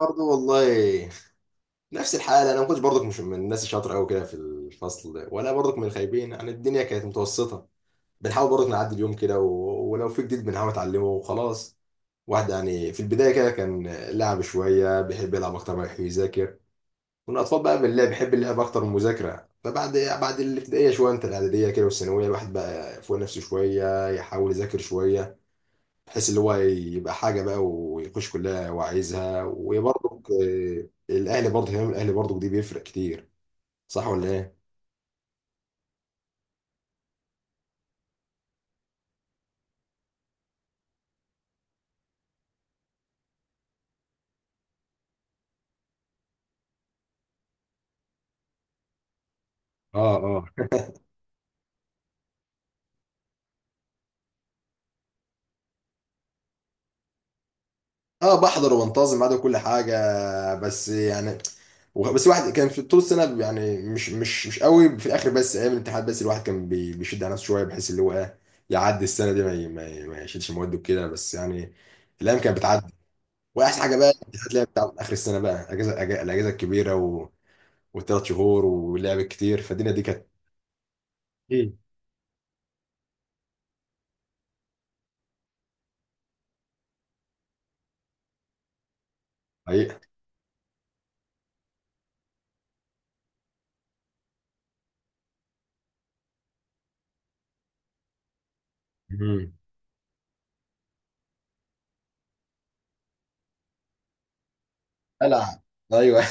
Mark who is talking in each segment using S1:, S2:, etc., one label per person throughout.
S1: برضه والله. نفس الحالة، أنا ما كنتش برضك مش من الناس الشاطرة أوي كده في الفصل ولا برضك من الخايبين، يعني الدنيا كانت متوسطة. بنحاول برضك نعدي اليوم كده، و... ولو في جديد بنحاول نتعلمه وخلاص. واحد يعني في البداية كده كان لعب شوية، بيحب يلعب أكتر ما يحب يذاكر. والأطفال بقى من اللي بيحب اللعب أكتر من المذاكرة. فبعد الابتدائية شوية، أنت الإعدادية كده والثانوية، الواحد بقى فوق نفسه شوية يحاول يذاكر شوية، بحيث اللي هو يبقى حاجه بقى ويخش كلها وعايزها. وبرضك الاهلي، برضه اهتمام الاهلي برضه دي بيفرق كتير. صح ولا ايه؟ اه اه. اه بحضر وبنتظم بعد كل حاجه، بس يعني بس واحد كان في طول السنه، يعني مش قوي في الاخر، بس ايام الامتحانات بس الواحد كان بيشد على نفسه شويه، بحيث اللي هو ايه، يعدي السنه دي، ما يشيلش مواد وكده. بس يعني الايام كانت بتعدي. واحسن حاجه بقى الامتحانات اللي هي بتاع اخر السنه، بقى اجازه، الاجازه الكبيره وثلاث شهور ولعب كتير. فالدنيا دي كانت ايه، حقيقة. مم. بلعب. ايوه.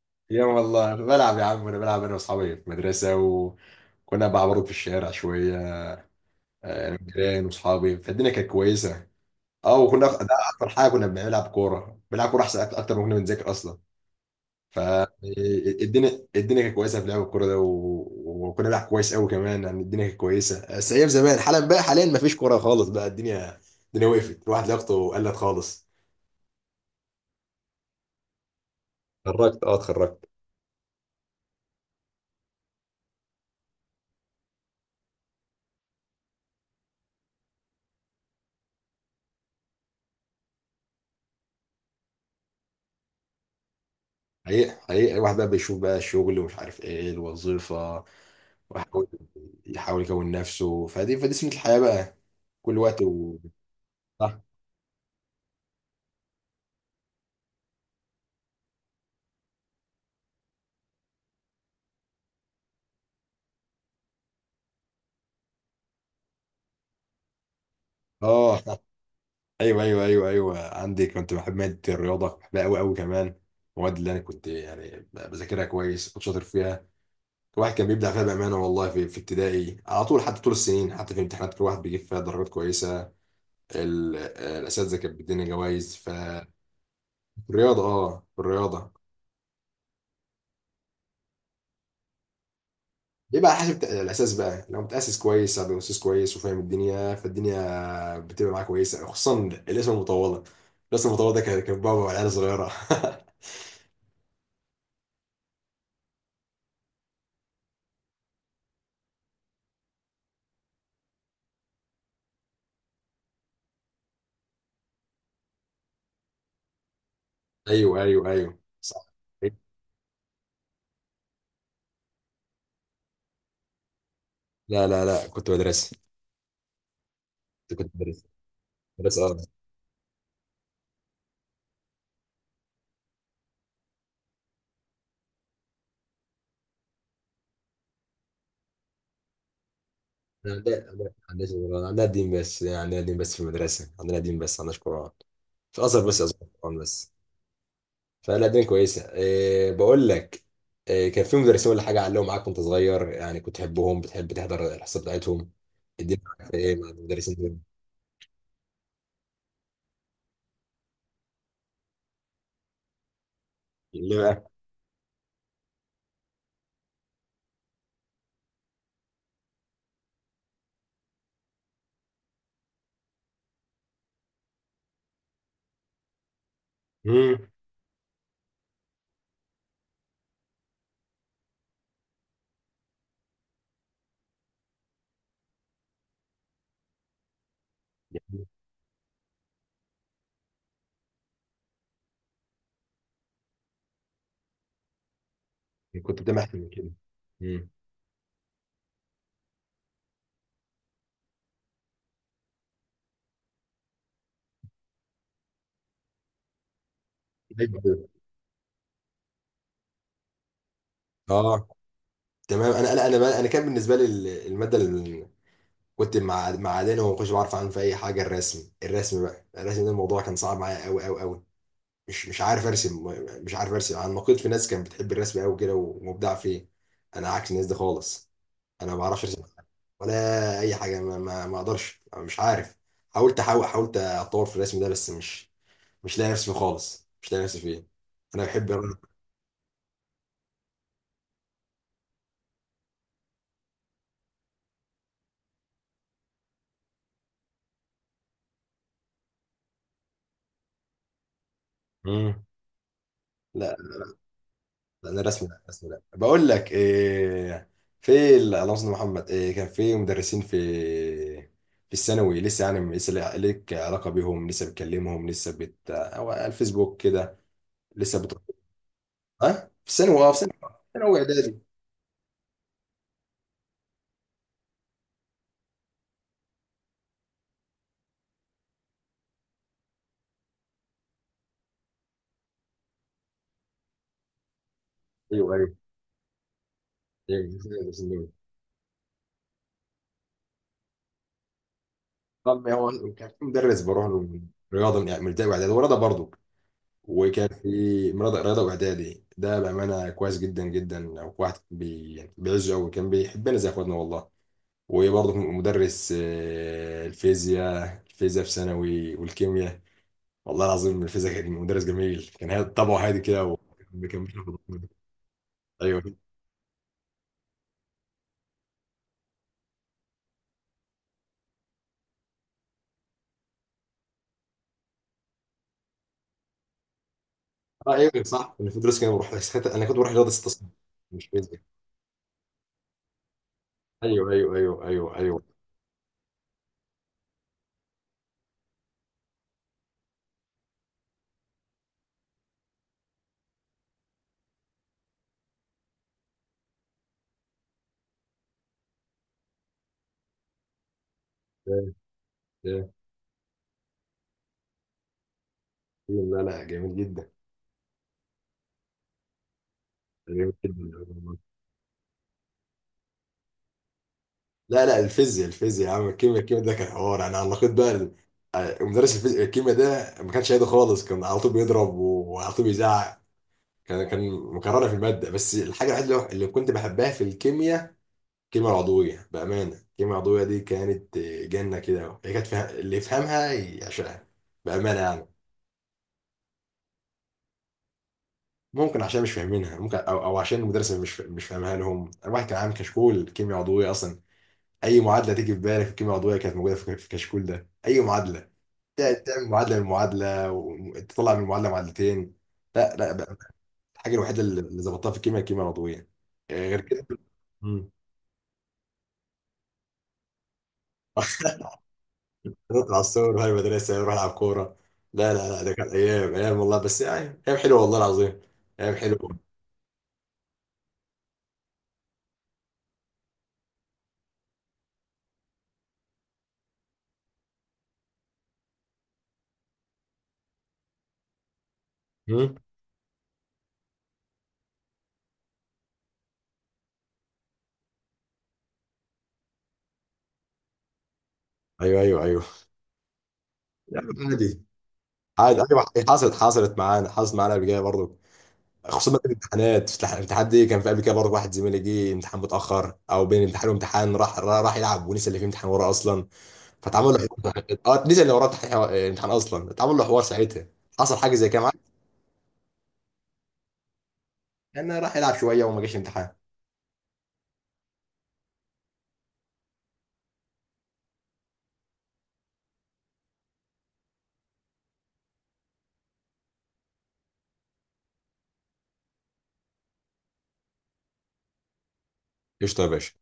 S1: يا والله بلعب يا عم. انا بلعب انا واصحابي في المدرسه، وكنا بعبرط في الشارع شويه انا وجيران واصحابي، فالدنيا كانت كويسه. اه وكنا ده، اكتر حاجه كنا بنلعب كوره. بنلعب كوره احسن اكتر ما كنا بنذاكر اصلا. فالدنيا كانت كويسه في لعب الكوره ده. و... وكنا بنلعب كويس قوي كمان، يعني الدنيا كانت كويسه. بس ايام زمان، حالا بقى حاليا ما فيش كوره خالص، بقى الدنيا وقفت، الواحد لياقته قلت خالص. اتخرجت، اه اتخرجت. حقيقي الواحد بقى بيشوف بقى الشغل، ومش عارف ايه الوظيفه، ويحاول يكون نفسه. فدي سنه الحياه بقى، كل وقت. و... صح. اه. ايوه ايوه ايوه ايوه، عندي كنت بحب ماده الرياضه، بحبها قوي قوي كمان. المواد اللي انا كنت يعني بذاكرها كويس كنت شاطر فيها، الواحد كان بيبدع فيها بأمانة والله. في ابتدائي على طول، حتى طول السنين، حتى في امتحانات كل واحد بيجيب فيها درجات كويسة. الأساتذة كانت بتدينا جوائز في الرياضة، اه في الرياضة. يبقى حسب الأساس بقى، لو متأسس كويس أو أساس كويس وفاهم الدنيا، فالدنيا بتبقى معاك كويسة، خصوصا الاسم المطولة. الاسم المطولة ده كان بابا والعيال صغيرة. أيوه أيوه أيوه صح. لا كنت مدرسي. كنت مدرسي، مدرسة اه. لا ما عندناش قرآن، عندنا دين بس. يعني عندنا دين بس في المدرسة، عندنا دين بس ما عندناش قرآن. في الأزهر بس أزهر، قرآن بس. فلا دين كويسة. إيه بقول لك، إيه كان في مدرسين ولا حاجة علقوا معاك وأنت صغير، يعني كنت تحبهم، بتحب تحضر الحصة بتاعتهم، الدين معاك في إيه مع المدرسين دول؟ ليه بقى؟ مم. كنت بتعمل أحسن من كده. مم. أيوة. اه. تمام. انا كان بالنسبه لي الماده اللي كنت مع معادن، وما كنتش بعرف عنها في اي حاجه. الرسم، الرسم بقى الرسم ده، الموضوع كان صعب معايا قوي قوي قوي. مش عارف ارسم. مش عارف ارسم. انا نقيت في ناس كانت بتحب الرسم قوي كده ومبدع فيه، انا عكس الناس دي خالص. انا ما بعرفش ارسم ولا اي حاجه. ما اقدرش، مش عارف. حاولت اتطور في الرسم ده، بس مش مش لاقي نفسي فيه خالص، مش لاقي نفسي فيه. انا بحب مم. لا انا رسمي، لا رسمي. لا بقول لك إيه، اللهم صل على محمد. إيه كان في مدرسين في في الثانوي لسه يعني، لسه ليك علاقه بيهم، لسه بتكلمهم، لسه بت او على الفيسبوك كده، لسه بت. اه في الثانوي، اه في ثانوي. ثانوي اعدادي. ايوه ايوه ايوه في المدرسين دول. طب هو كان في مدرس بروح له من رياضه، من يعني من ابتدائي واعدادي، ورياضه برضه. وكان في رياضه واعدادي، ده بامانه كويس جدا جدا، واحد يعني بيعزه قوي، كان بيحبنا زي اخواتنا والله. وبرضه كنت مدرس الفيزياء. الفيزياء في ثانوي والكيمياء، والله العظيم الفيزياء كان مدرس جميل، كان هادي طبعه هادي كده، وما كان بياخد ضغط. ايوه. اه ايوه صح. انا في دروس كده بروح ساعتها، انا كنت بروح رياضه استصناع، مش فيزياء. ايوه ايوه ايوه ايوه ايوه. آه، آه. لا لا، جميل جدا. جميل جدا والله. لا لا، الفيزياء الفيزياء يا عم. الكيمياء، الكيمياء ده كان حوار، انا علقت بقى مدرس الفيزياء. الكيمياء ده ما كانش هادي خالص، كان على طول بيضرب وعلى طول بيزعق، كان مكررة في المادة. بس الحاجة الوحيدة اللي كنت بحبها في الكيمياء، الكيمياء العضوية بأمانة. الكيمياء العضوية دي كانت جنة كده، هي كانت فيها، اللي يفهمها يعشقها بأمانة يعني. ممكن عشان مش فاهمينها، ممكن أو, أو عشان المدرس مش مش فاهمها لهم. الواحد كان عامل كشكول كيمياء عضوية أصلا، أي معادلة تيجي في بالك في الكيمياء العضوية كانت موجودة في الكشكول ده، أي معادلة، تعمل معادلة من معادلة، وتطلع من معادلة معادلتين. لا لا بقى. الحاجة الوحيدة اللي ظبطتها في الكيمياء، الكيمياء العضوية، غير كده نطلع الصور وهاي المدرسة نروح نلعب كورة. لا ده كانت أيام، أيام والله، بس يعني أيام حلوة والله العظيم، أيام حلوة. مم. أيوه أيوه أيوه، يعني عادي. عادي أيوه، حصلت، حصلت معانا قبل كده برضه. خصوصا في الامتحانات، في الامتحان دي، كان في قبل كده برضه واحد زميلي جه امتحان متأخر، أو بين امتحان وامتحان راح راح يلعب، ونسي اللي فيه امتحان وراه أصلا. فتعمل له حوار، اه نسي اللي وراه امتحان، امتحان أصلا، اتعمل له حوار ساعتها، حصل حاجة زي كده معاه. كان راح يلعب شوية وما جاش امتحان. قشطة يا باشا.